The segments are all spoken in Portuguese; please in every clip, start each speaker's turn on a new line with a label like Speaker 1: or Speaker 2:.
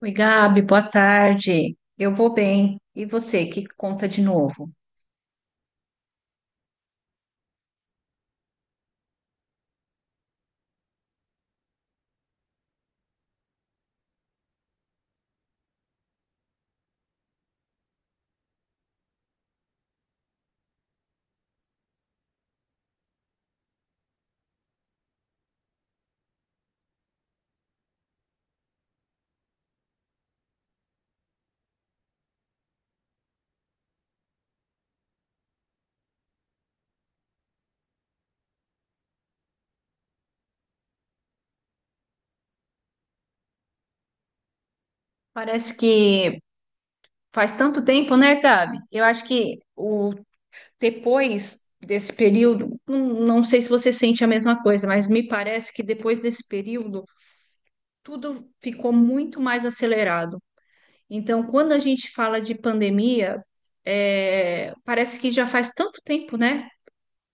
Speaker 1: Oi, Gabi, boa tarde. Eu vou bem. E você, que conta de novo? Parece que faz tanto tempo, né, Gabi? Eu acho que o depois desse período, não, não sei se você sente a mesma coisa, mas me parece que depois desse período tudo ficou muito mais acelerado. Então, quando a gente fala de pandemia, é, parece que já faz tanto tempo, né?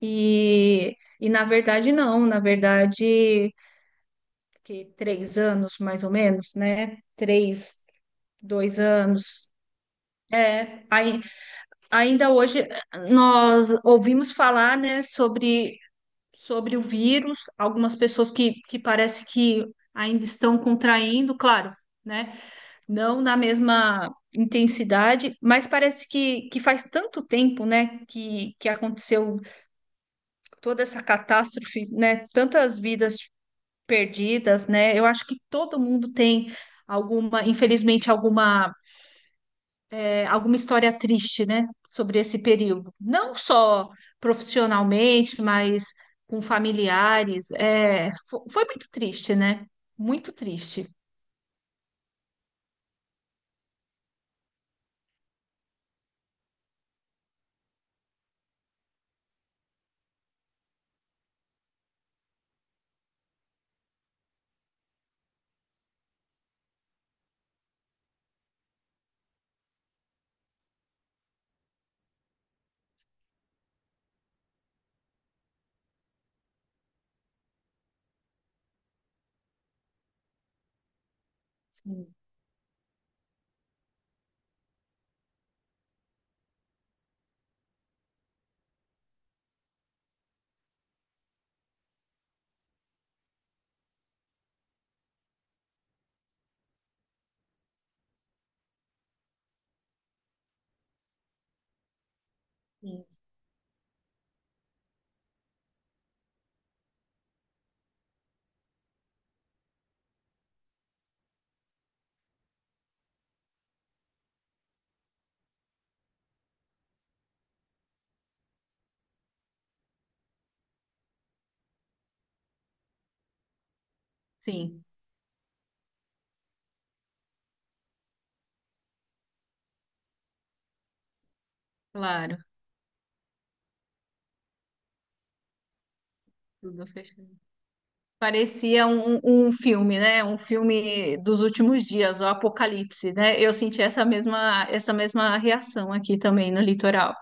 Speaker 1: E na verdade, não. Na verdade, que 3 anos mais ou menos, né? Três, 2 anos. É, ainda hoje nós ouvimos falar, né, sobre o vírus, algumas pessoas que parece que ainda estão contraindo, claro, né? Não na mesma intensidade, mas parece que faz tanto tempo, né, que aconteceu toda essa catástrofe, né? Tantas vidas perdidas, né? Eu acho que todo mundo tem alguma, infelizmente, alguma, alguma história triste, né? Sobre esse período. Não só profissionalmente, mas com familiares. É, foi, muito triste, né? Muito triste. Sim. Sim, sim, claro. Tudo fechado. Parecia um filme, né? Um filme dos últimos dias, o Apocalipse, né? Eu senti essa mesma reação aqui também no litoral.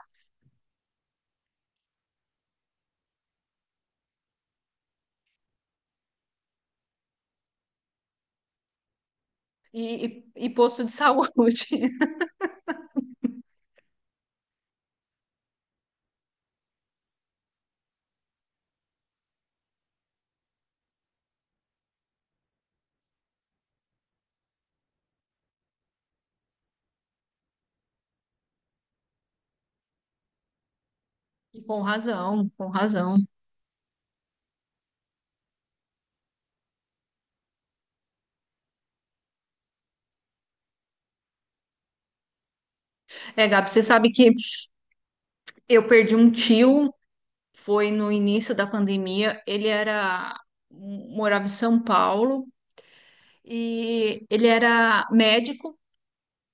Speaker 1: E posto de saúde. E com razão, com razão. É, Gabi, você sabe que eu perdi um tio, foi no início da pandemia. Ele era, morava em São Paulo e ele era médico.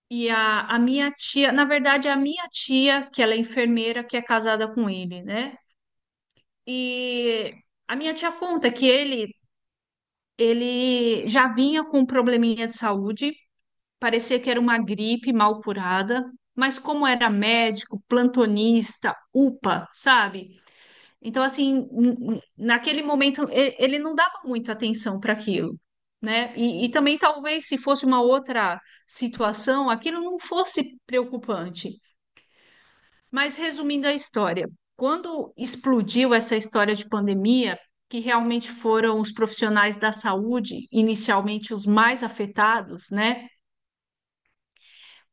Speaker 1: E a minha tia, na verdade, a minha tia, que ela é enfermeira, que é casada com ele, né? E a minha tia conta que ele já vinha com um probleminha de saúde, parecia que era uma gripe mal curada, mas como era médico, plantonista, UPA, sabe? Então, assim, naquele momento, ele não dava muito atenção para aquilo. Né? E também talvez se fosse uma outra situação, aquilo não fosse preocupante. Mas resumindo a história, quando explodiu essa história de pandemia, que realmente foram os profissionais da saúde, inicialmente os mais afetados, né?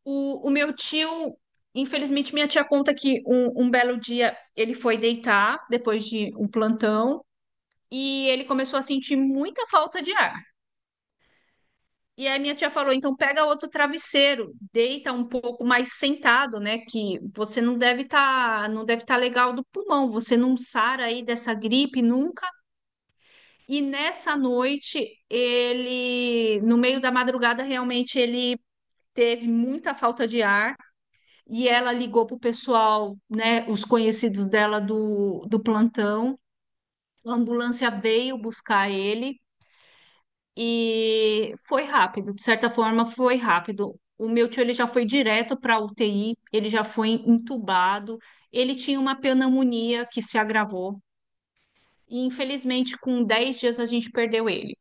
Speaker 1: O meu tio, infelizmente, minha tia conta que um belo dia ele foi deitar depois de um plantão e ele começou a sentir muita falta de ar. E aí minha tia falou, então pega outro travesseiro, deita um pouco mais sentado, né? Que você não deve estar legal do pulmão, você não sara aí dessa gripe nunca. E nessa noite ele, no meio da madrugada, realmente ele teve muita falta de ar e ela ligou pro pessoal, né? Os conhecidos dela do plantão. A ambulância veio buscar ele. E foi rápido, de certa forma foi rápido. O meu tio ele já foi direto para a UTI, ele já foi entubado, ele tinha uma pneumonia que se agravou e infelizmente com 10 dias a gente perdeu ele.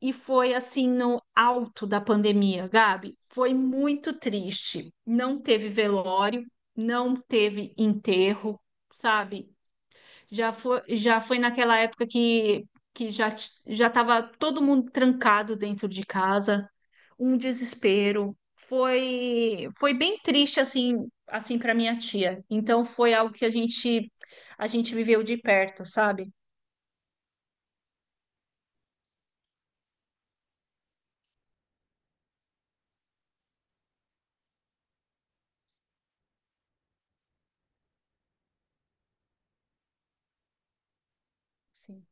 Speaker 1: E foi assim no alto da pandemia, Gabi, foi muito triste. Não teve velório, não teve enterro, sabe? Já foi naquela época que já estava todo mundo trancado dentro de casa, um desespero. Foi bem triste assim para minha tia. Então foi algo que a gente viveu de perto, sabe? Sim,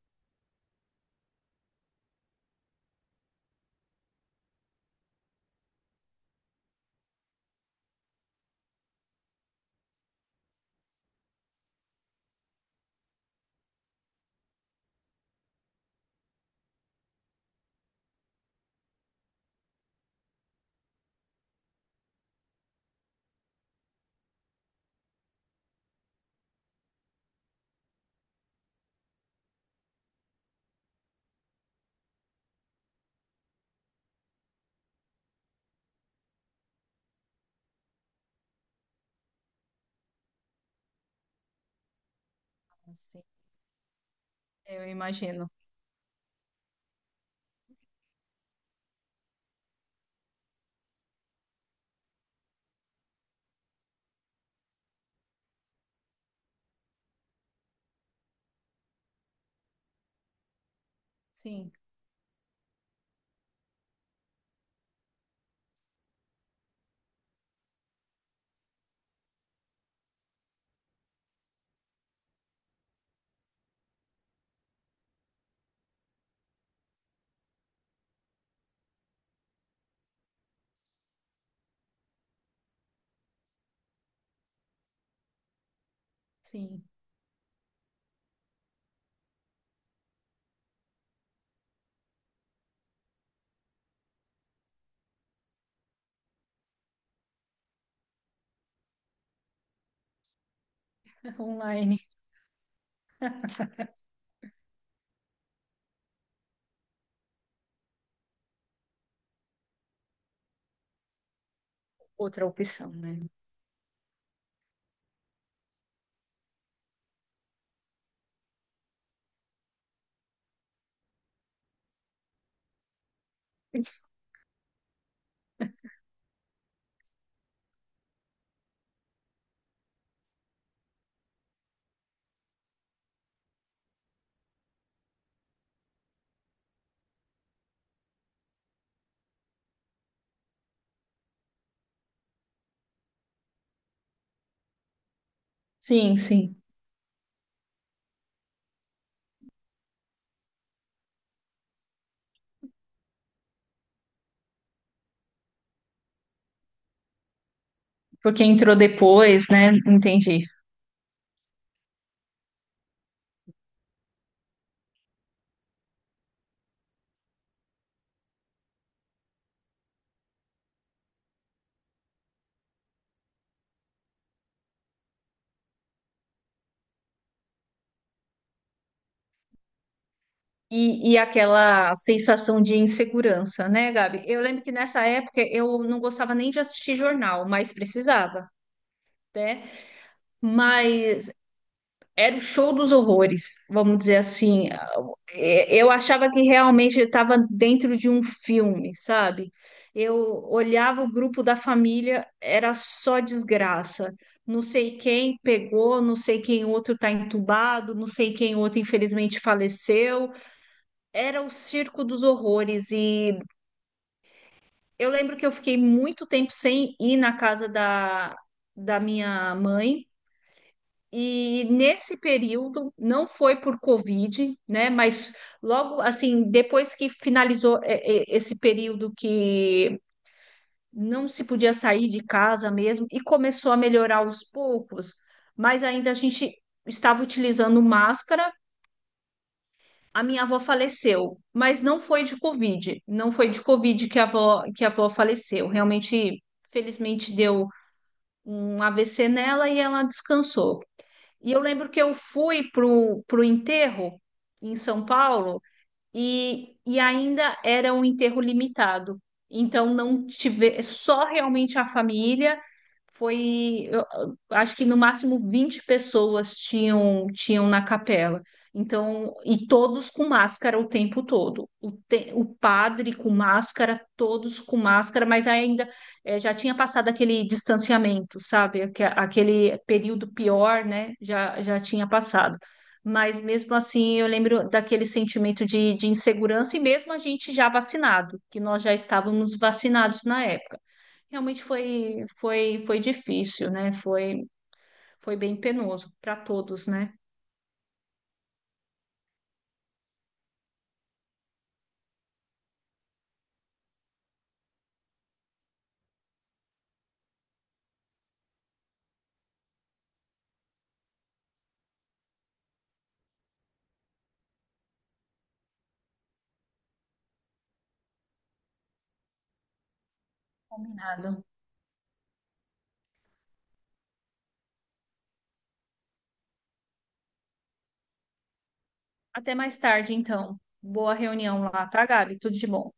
Speaker 1: sim. Eu imagino. Sim, sim. Online, outra opção, né? Sim, sim. Porque entrou depois, né? Entendi. E aquela sensação de insegurança, né, Gabi? Eu lembro que nessa época eu não gostava nem de assistir jornal, mas precisava, né? Mas era o show dos horrores, vamos dizer assim. É, eu achava que realmente estava dentro de um filme, sabe? Eu olhava o grupo da família, era só desgraça. Não sei quem pegou, não sei quem outro está entubado, não sei quem outro infelizmente faleceu. Era o Circo dos Horrores e eu lembro que eu fiquei muito tempo sem ir na casa da minha mãe. E nesse período, não foi por Covid, né? Mas logo assim, depois que finalizou esse período que não se podia sair de casa mesmo e começou a melhorar aos poucos, mas ainda a gente estava utilizando máscara. A minha avó faleceu, mas não foi de Covid. Não foi de Covid que a avó faleceu. Realmente, felizmente, deu um AVC nela e ela descansou. E eu lembro que eu fui pro enterro em São Paulo e ainda era um enterro limitado. Então não tive, só realmente a família foi, eu acho que no máximo 20 pessoas tinham na capela. Então, e todos com máscara o tempo todo. O padre com máscara, todos com máscara, mas ainda já tinha passado aquele distanciamento, sabe? Aquele período pior, né? Já tinha passado. Mas mesmo assim, eu lembro daquele sentimento de insegurança, e mesmo a gente já vacinado, que nós já estávamos vacinados na época. Realmente foi difícil, né? Foi bem penoso para todos, né? Combinado. Até mais tarde, então. Boa reunião lá, tá, Gabi? Tudo de bom.